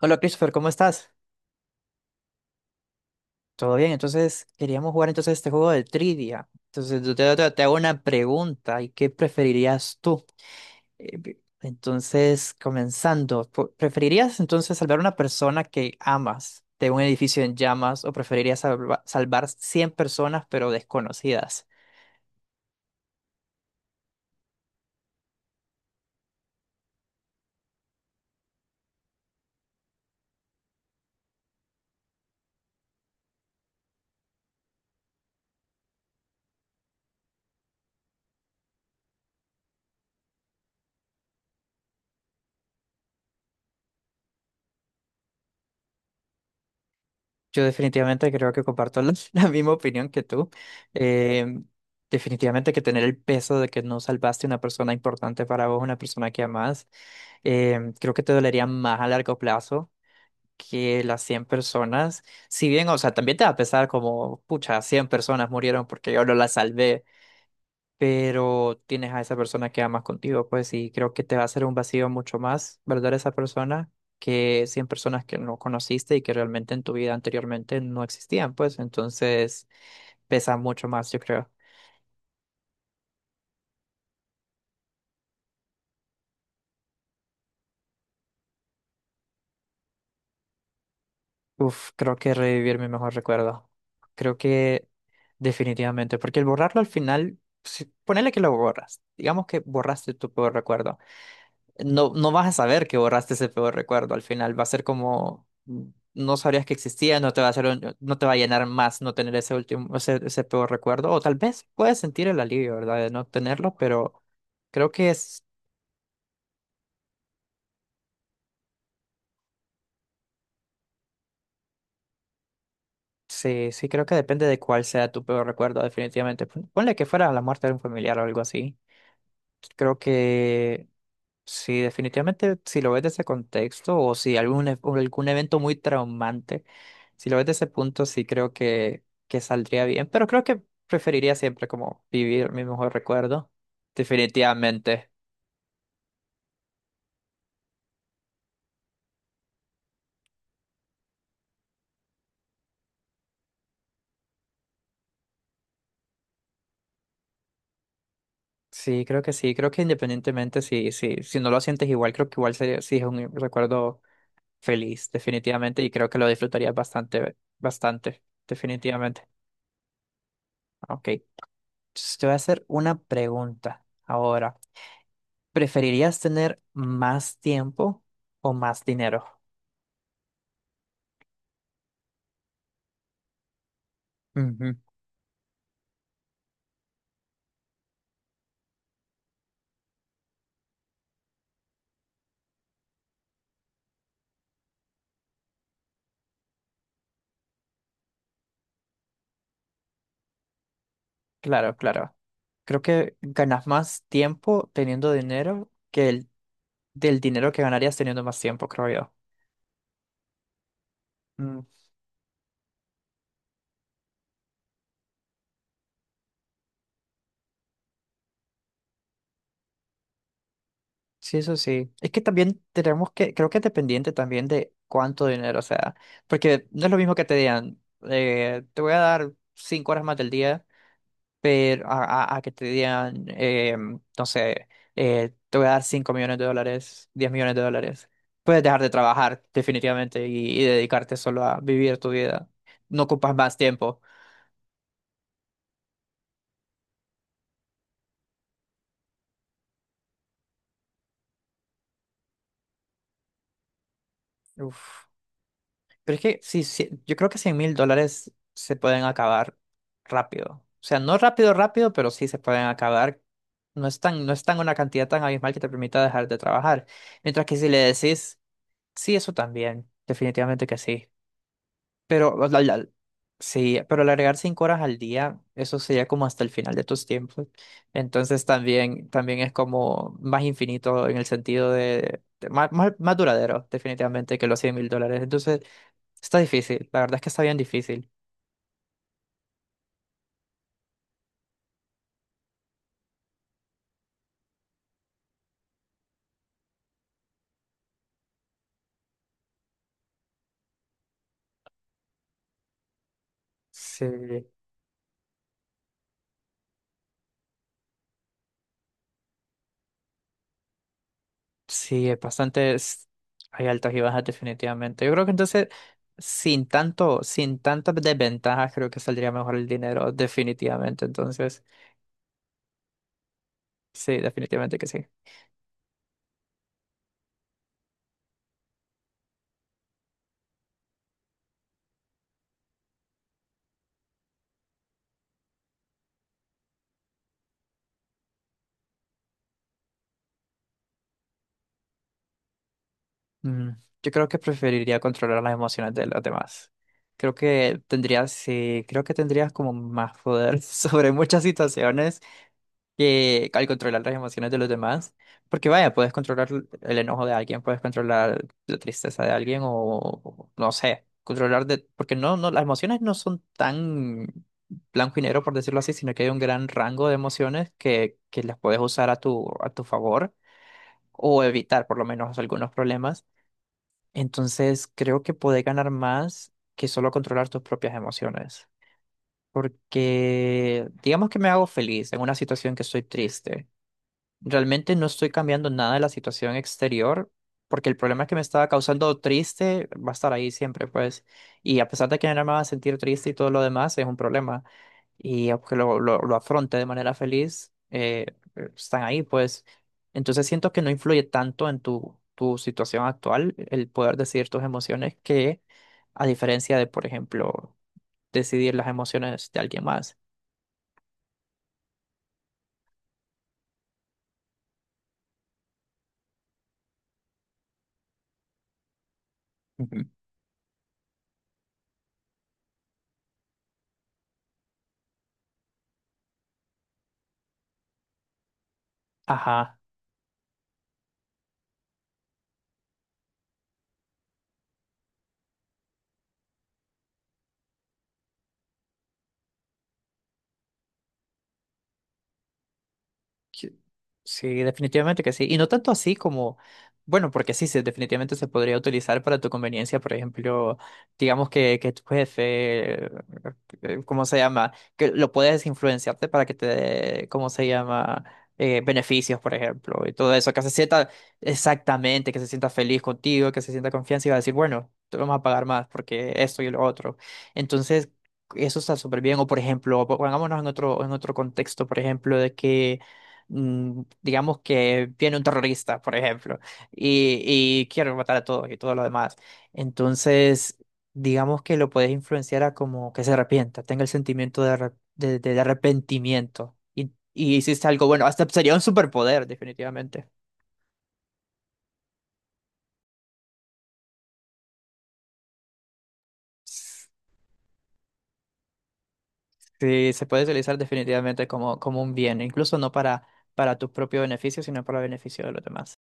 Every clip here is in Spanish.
Hola Christopher, ¿cómo estás? ¿Todo bien? Entonces, queríamos jugar entonces este juego de trivia. Entonces, yo te hago una pregunta, ¿y qué preferirías tú? Entonces, comenzando, ¿preferirías entonces salvar a una persona que amas de un edificio en llamas o preferirías salvar 100 personas pero desconocidas? Yo definitivamente creo que comparto la, la misma opinión que tú. Eh, definitivamente que tener el peso de que no salvaste una persona importante para vos, una persona que amás, creo que te dolería más a largo plazo que las 100 personas. Si bien, o sea, también te va a pesar como, pucha, 100 personas murieron porque yo no las salvé, pero tienes a esa persona que amas contigo, pues, y creo que te va a hacer un vacío mucho más, ¿verdad? Esa persona que 100 personas que no conociste y que realmente en tu vida anteriormente no existían, pues, entonces pesa mucho más, yo creo. Uf, creo que revivir mi mejor recuerdo. Creo que definitivamente, porque el borrarlo al final, si, ponele que lo borras, digamos que borraste tu peor recuerdo. No, no vas a saber que borraste ese peor recuerdo al final, va a ser como, no sabrías que existía, no te va a hacer, no te va a llenar más no tener ese último, ese peor recuerdo, o tal vez puedes sentir el alivio, ¿verdad? De no tenerlo, pero creo que es, sí, sí, creo que depende de cuál sea tu peor recuerdo, definitivamente. Ponle que fuera la muerte de un familiar o algo así. Creo que sí, definitivamente, si lo ves desde ese contexto o si algún, o algún evento muy traumante, si lo ves desde ese punto, sí creo que saldría bien, pero creo que preferiría siempre como vivir mi mejor recuerdo, definitivamente. Sí, creo que independientemente si no lo sientes igual, creo que igual sería, sí es un recuerdo feliz, definitivamente, y creo que lo disfrutarías bastante, bastante, definitivamente. Ok, entonces te voy a hacer una pregunta ahora. ¿Preferirías tener más tiempo o más dinero? Ujú. Claro, claro. Creo que ganas más tiempo teniendo dinero que el del dinero que ganarías teniendo más tiempo, creo yo. Mm, sí, eso sí. Es que también tenemos que, creo que es dependiente también de cuánto dinero, o sea, porque no es lo mismo que te digan, te voy a dar 5 horas más del día, pero a, a que te digan, no sé, te voy a dar 5 millones de dólares, 10 millones de dólares. Puedes dejar de trabajar definitivamente y dedicarte solo a vivir tu vida. No ocupas más tiempo. Uf. Pero es que sí, sí, yo creo que 100 mil dólares se pueden acabar rápido. O sea, no rápido, rápido, pero sí se pueden acabar. No es tan, no es tan una cantidad tan abismal que te permita dejar de trabajar. Mientras que si le decís, sí, eso también, definitivamente que sí. Pero, o sea, sí, pero al agregar 5 horas al día, eso sería como hasta el final de tus tiempos. Entonces también, también es como más infinito en el sentido de más, más, más duradero, definitivamente, que los 100 mil dólares. Entonces, está difícil, la verdad es que está bien difícil. Sí, sí, es bastante, hay altas y bajas definitivamente. Yo creo que entonces, sin tanto, sin tantas desventajas, creo que saldría mejor el dinero, definitivamente. Entonces, sí, definitivamente que sí. Mm, Yo creo que preferiría controlar las emociones de los demás. Creo que tendrías, sí, creo que tendrías como más poder sobre muchas situaciones que al controlar las emociones de los demás. Porque vaya, puedes controlar el enojo de alguien, puedes controlar la tristeza de alguien o no sé, controlar de... Porque no, no, las emociones no son tan blanco y negro, por decirlo así, sino que hay un gran rango de emociones que las puedes usar a tu favor o evitar por lo menos algunos problemas. Entonces creo que podés ganar más que solo controlar tus propias emociones. Porque digamos que me hago feliz en una situación que estoy triste. Realmente no estoy cambiando nada de la situación exterior, porque el problema que me estaba causando triste va a estar ahí siempre, pues. Y a pesar de que no me va a sentir triste y todo lo demás, es un problema. Y aunque lo afronte de manera feliz, están ahí, pues. Entonces siento que no influye tanto en tu, tu situación actual el poder decidir tus emociones que a diferencia de, por ejemplo, decidir las emociones de alguien más. Ujú. Ajá. Que- Sí, definitivamente que sí. Y no tanto así como, bueno, porque sí, se definitivamente se podría utilizar para tu conveniencia. Por ejemplo, digamos que, que tu jefe, ¿cómo se llama? Que lo puedes influenciarte para que te dé, ¿cómo se llama? Beneficios, por ejemplo, y todo eso. Que se sienta exactamente, que se sienta feliz contigo, que se sienta confianza y va a decir, bueno, te vamos a pagar más porque esto y lo otro. Entonces, eso está súper bien. O, por ejemplo, pongámonos en otro contexto, por ejemplo, de que, digamos que viene un terrorista, por ejemplo, y quiere matar a todos y todo lo demás. Entonces, digamos que lo puedes influenciar a como que se arrepienta, tenga el sentimiento de, de, de arrepentimiento. Y hiciste algo bueno, hasta sería un superpoder, definitivamente. Sí, se puede utilizar definitivamente como, como un bien, incluso no para, para tu propio beneficio, sino para el beneficio de los demás.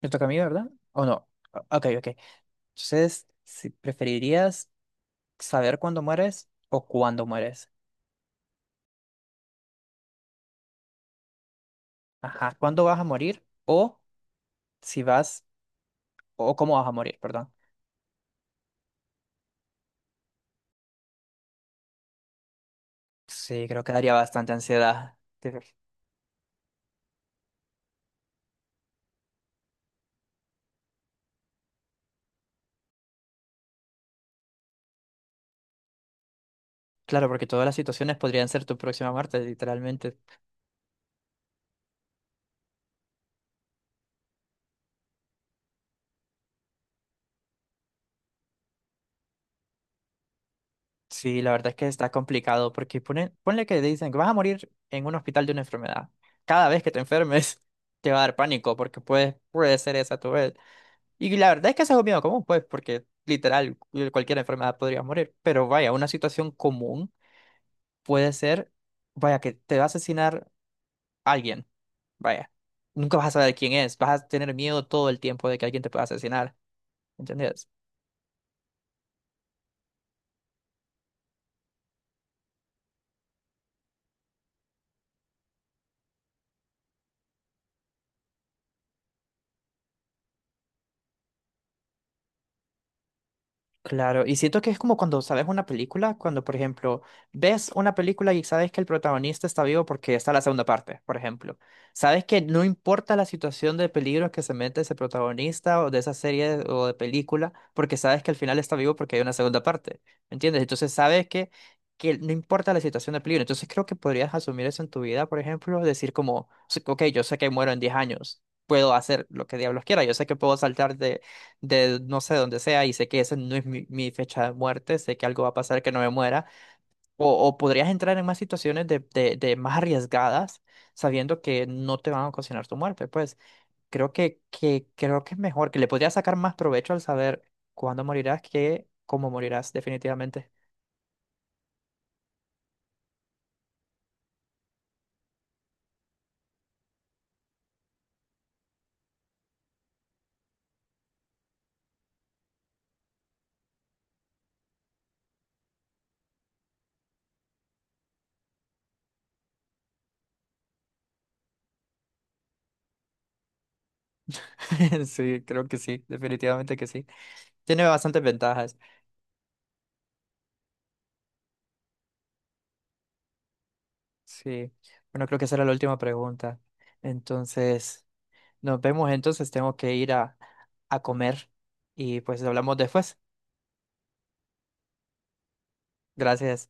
Me toca a mí, ¿verdad? ¿O no? Ok, ok. Entonces, si preferirías saber cuándo mueres o cuándo mueres. Ajá, cuándo vas a morir o si vas o cómo vas a morir, perdón. Sí, creo que daría bastante ansiedad. Claro, porque todas las situaciones podrían ser tu próxima muerte, literalmente. Sí, la verdad es que está complicado porque ponle que dicen que vas a morir en un hospital de una enfermedad. Cada vez que te enfermes te va a dar pánico porque puede ser esa tu vez. Y la verdad es que eso es algo miedo común, pues, porque literal cualquier enfermedad podría morir. Pero vaya, una situación común puede ser, vaya, que te va a asesinar alguien, vaya, nunca vas a saber quién es, vas a tener miedo todo el tiempo de que alguien te pueda asesinar, ¿entendés? Claro, y siento que es como cuando sabes una película, cuando por ejemplo ves una película y sabes que el protagonista está vivo porque está la segunda parte, por ejemplo. Sabes que no importa la situación de peligro que se mete ese protagonista o de esa serie o de película, porque sabes que al final está vivo porque hay una segunda parte, ¿me entiendes? Entonces sabes que no importa la situación de peligro. Entonces creo que podrías asumir eso en tu vida, por ejemplo, decir como, "Sí, ok, yo sé que muero en 10 años, puedo hacer lo que diablos quiera, yo sé que puedo saltar de no sé dónde sea y sé que esa no es mi fecha de muerte, sé que algo va a pasar que no me muera, o podrías entrar en más situaciones de más arriesgadas sabiendo que no te van a ocasionar tu muerte, pues creo que, creo que es mejor, que le podrías sacar más provecho al saber cuándo morirás que cómo morirás, definitivamente. Sí, creo que sí, definitivamente que sí. Tiene bastantes ventajas. Sí, bueno, creo que esa era la última pregunta. Entonces... Nos vemos entonces, tengo que ir a comer y pues hablamos después. Gracias.